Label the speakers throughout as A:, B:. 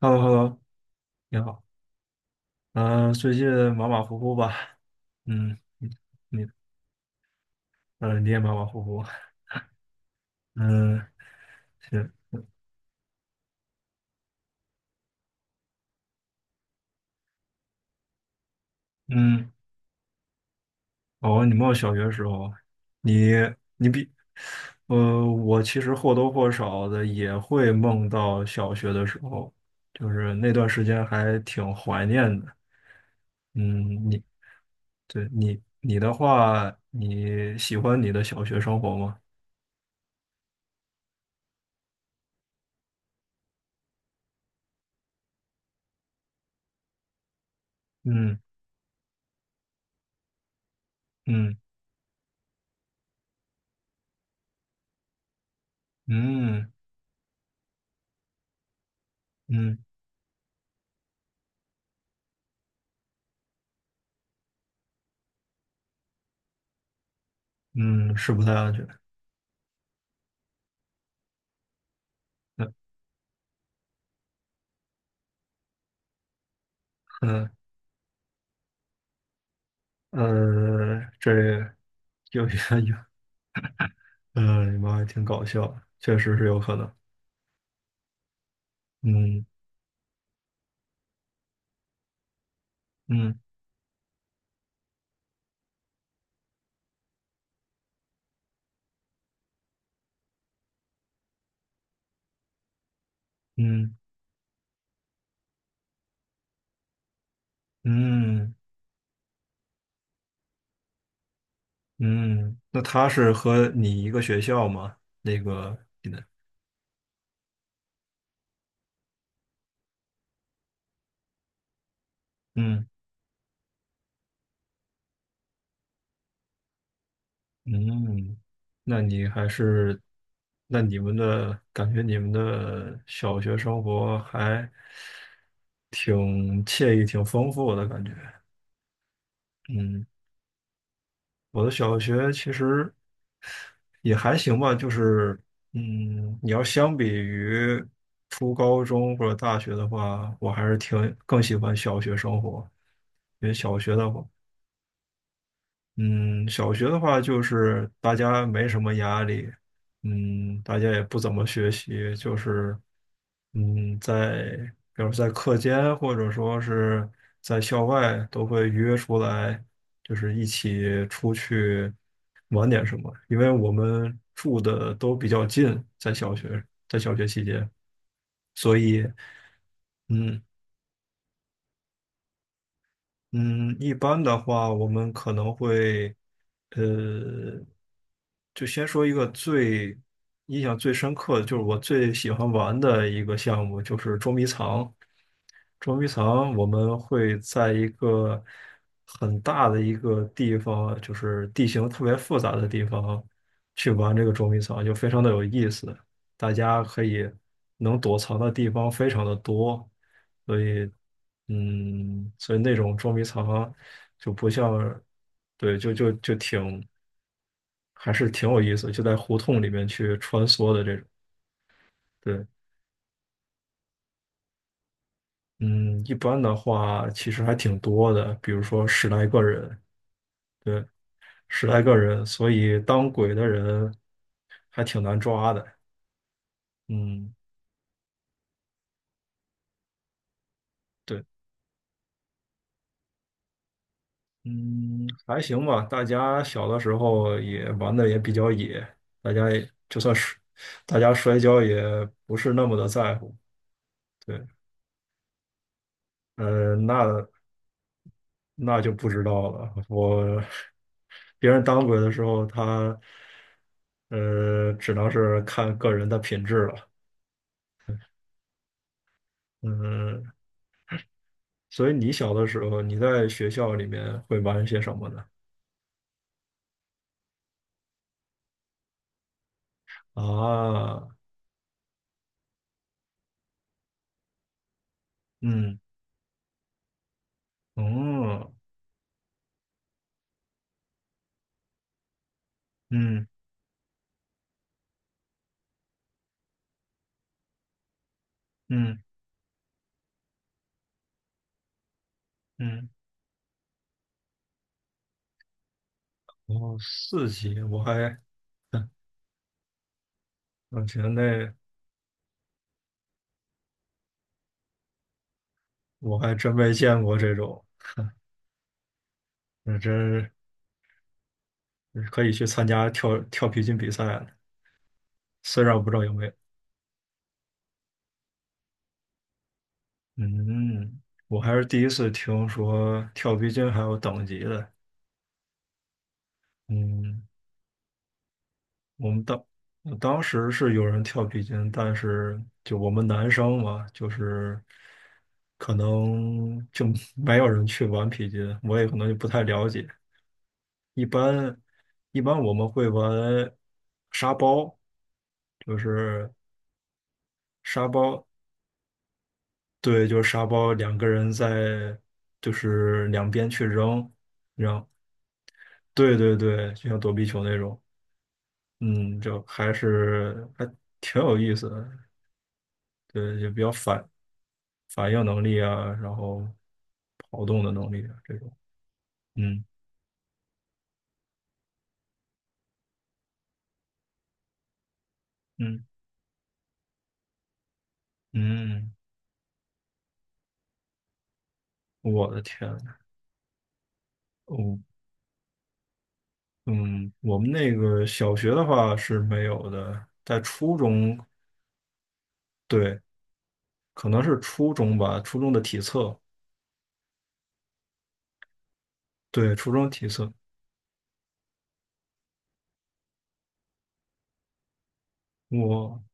A: h e l l o h e l l o 你好。嗯，最近马马虎虎吧？嗯，你你也马马虎虎。嗯，行。嗯，哦，你梦小学的时候，你你比，呃，我其实或多或少的也会梦到小学的时候，就是那段时间还挺怀念的。嗯，对，你的话，你喜欢你的小学生活吗？嗯，嗯，嗯，嗯，嗯，是不太安全。嗯，这有 有，你妈还挺搞笑的，确实是有可能。嗯，嗯，嗯，嗯，嗯，那他是和你一个学校吗？那个你的，嗯，嗯，那你还是，那你们的感觉，你们的小学生活还挺惬意、挺丰富的感觉。嗯，我的小学其实也还行吧，就是嗯，你要相比于初高中或者大学的话，我还是挺更喜欢小学生活，因为小学的话。嗯，小学的话就是大家没什么压力，嗯，大家也不怎么学习，就是嗯，在比如在课间或者说是在校外都会约出来，就是一起出去玩点什么，因为我们住的都比较近，在小学期间，所以。嗯，嗯，一般的话，我们可能会，呃，就先说一个印象最深刻的，就是我最喜欢玩的一个项目，就是捉迷藏。捉迷藏，我们会在一个很大的一个地方，就是地形特别复杂的地方，去玩这个捉迷藏，就非常的有意思。大家可以能躲藏的地方非常的多。所以，嗯，那种捉迷藏就不像，对，就就就挺还是挺有意思，就在胡同里面去穿梭的这种。对，嗯，一般的话其实还挺多的，比如说十来个人，对，十来个人，所以当鬼的人还挺难抓的。嗯，对，嗯，还行吧。大家小的时候也玩的也比较野，大家也就算是大家摔跤也不是那么的在乎。对，呃，那那就不知道了。别人当鬼的时候，只能是看个人的品质了。嗯，所以你小的时候，你在学校里面会玩些什么呢？啊，嗯，哦，嗯，嗯，嗯，然后四级，我觉得那我还真没见过这种，那真可以去参加跳皮筋比赛了，虽然我不知道有没有。嗯，我还是第一次听说跳皮筋还有等级的。嗯，我们当我当时是有人跳皮筋，但是就我们男生嘛，就是可能就 没有人去玩皮筋，我也可能就不太了解。一般一般我们会玩沙包，就是沙包，对，就是沙包，两个人在就是两边去扔。扔。对，对，对，就像躲避球那种，嗯，就还挺有意思的，对，也比较反应能力啊，然后跑动的能力啊这种，嗯，嗯，嗯，我的天呐，哦，嗯，我们那个小学的话是没有的，在初中，对，可能是初中吧，初中的体测，对，初中体测，我，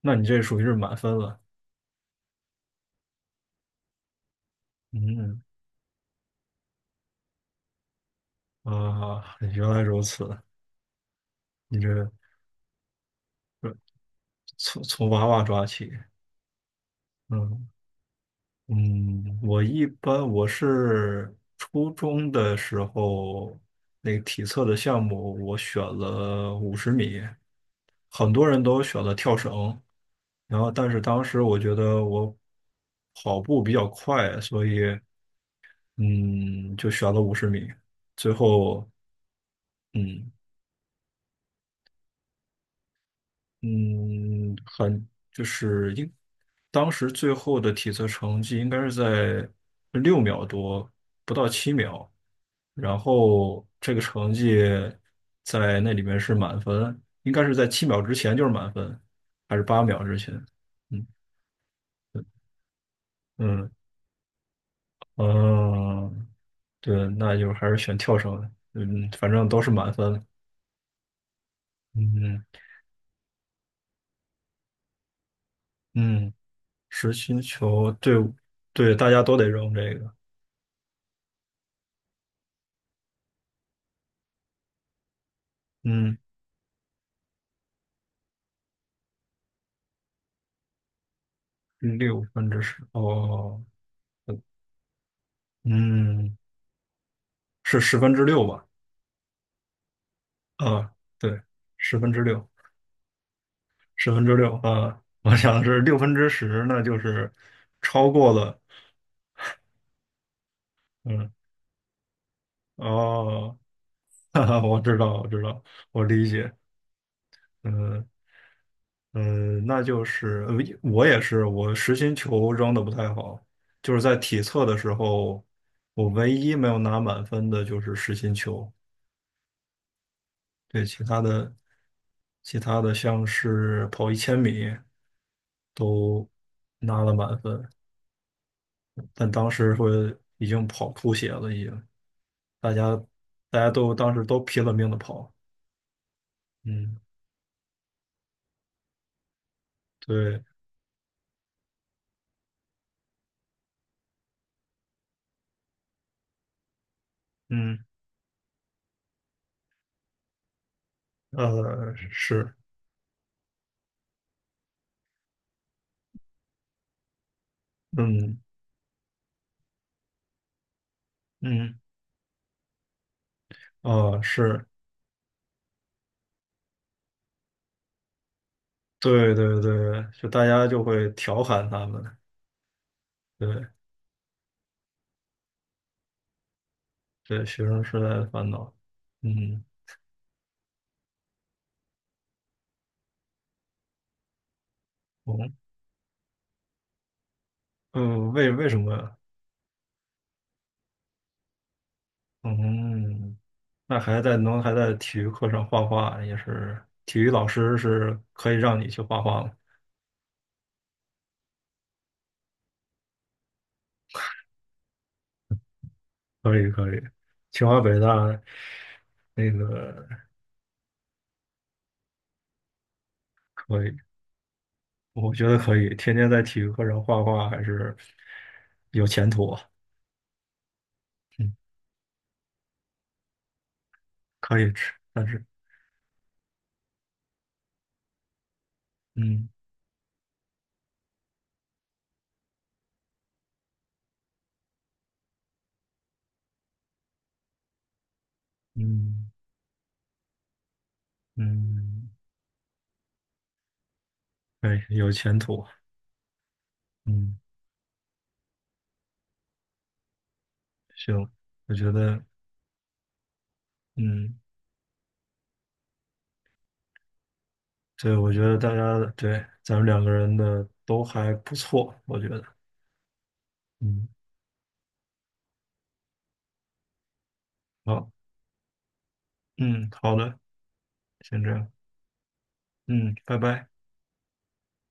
A: 那你这属于是满分了，嗯，啊，原来如此。你这从娃娃抓起，嗯，嗯，我一般我是初中的时候那个体测的项目，我选了五十米，很多人都选了跳绳，然后但是当时我觉得我跑步比较快，所以嗯就选了五十米，最后嗯，嗯，很就是应当时最后的体测成绩应该是在6秒多，不到七秒，然后这个成绩在那里面是满分，应该是在七秒之前就是满分，还是8秒之前？嗯，嗯，嗯，对，那就还是选跳绳，嗯，反正都是满分，嗯，嗯，实心球，对，对，大家都得扔这个，嗯。六分之十，哦，嗯，是十分之六吧？啊，对，十分之六，十分之六，啊，我想的是六分之十，那就是超过了，嗯，哦，哈哈，我知道，我知道，我理解，嗯，嗯，那就是我也是，我实心球扔的不太好，就是在体测的时候，我唯一没有拿满分的就是实心球。对，其他的像是跑1000米都拿了满分，但当时会已经跑吐血了，大家大家都当时都拼了命的跑，嗯，对，嗯，是，嗯，嗯，哦，是，对，对，对，就大家就会调侃他们，对，对，学生时代的烦恼，嗯，嗯，为什么？嗯，那还在能还在体育课上画画，也是体育老师是可以让你去画画吗？可以，可以，清华北大，那个可以，我觉得可以，天天在体育课上画画还是有前途啊，可以吃，但是嗯，嗯，嗯，可以有前途，嗯，行，我觉得嗯，对，我觉得大家对咱们两个人的都还不错，我觉得。嗯。好，嗯，好的，先这样，嗯，拜拜。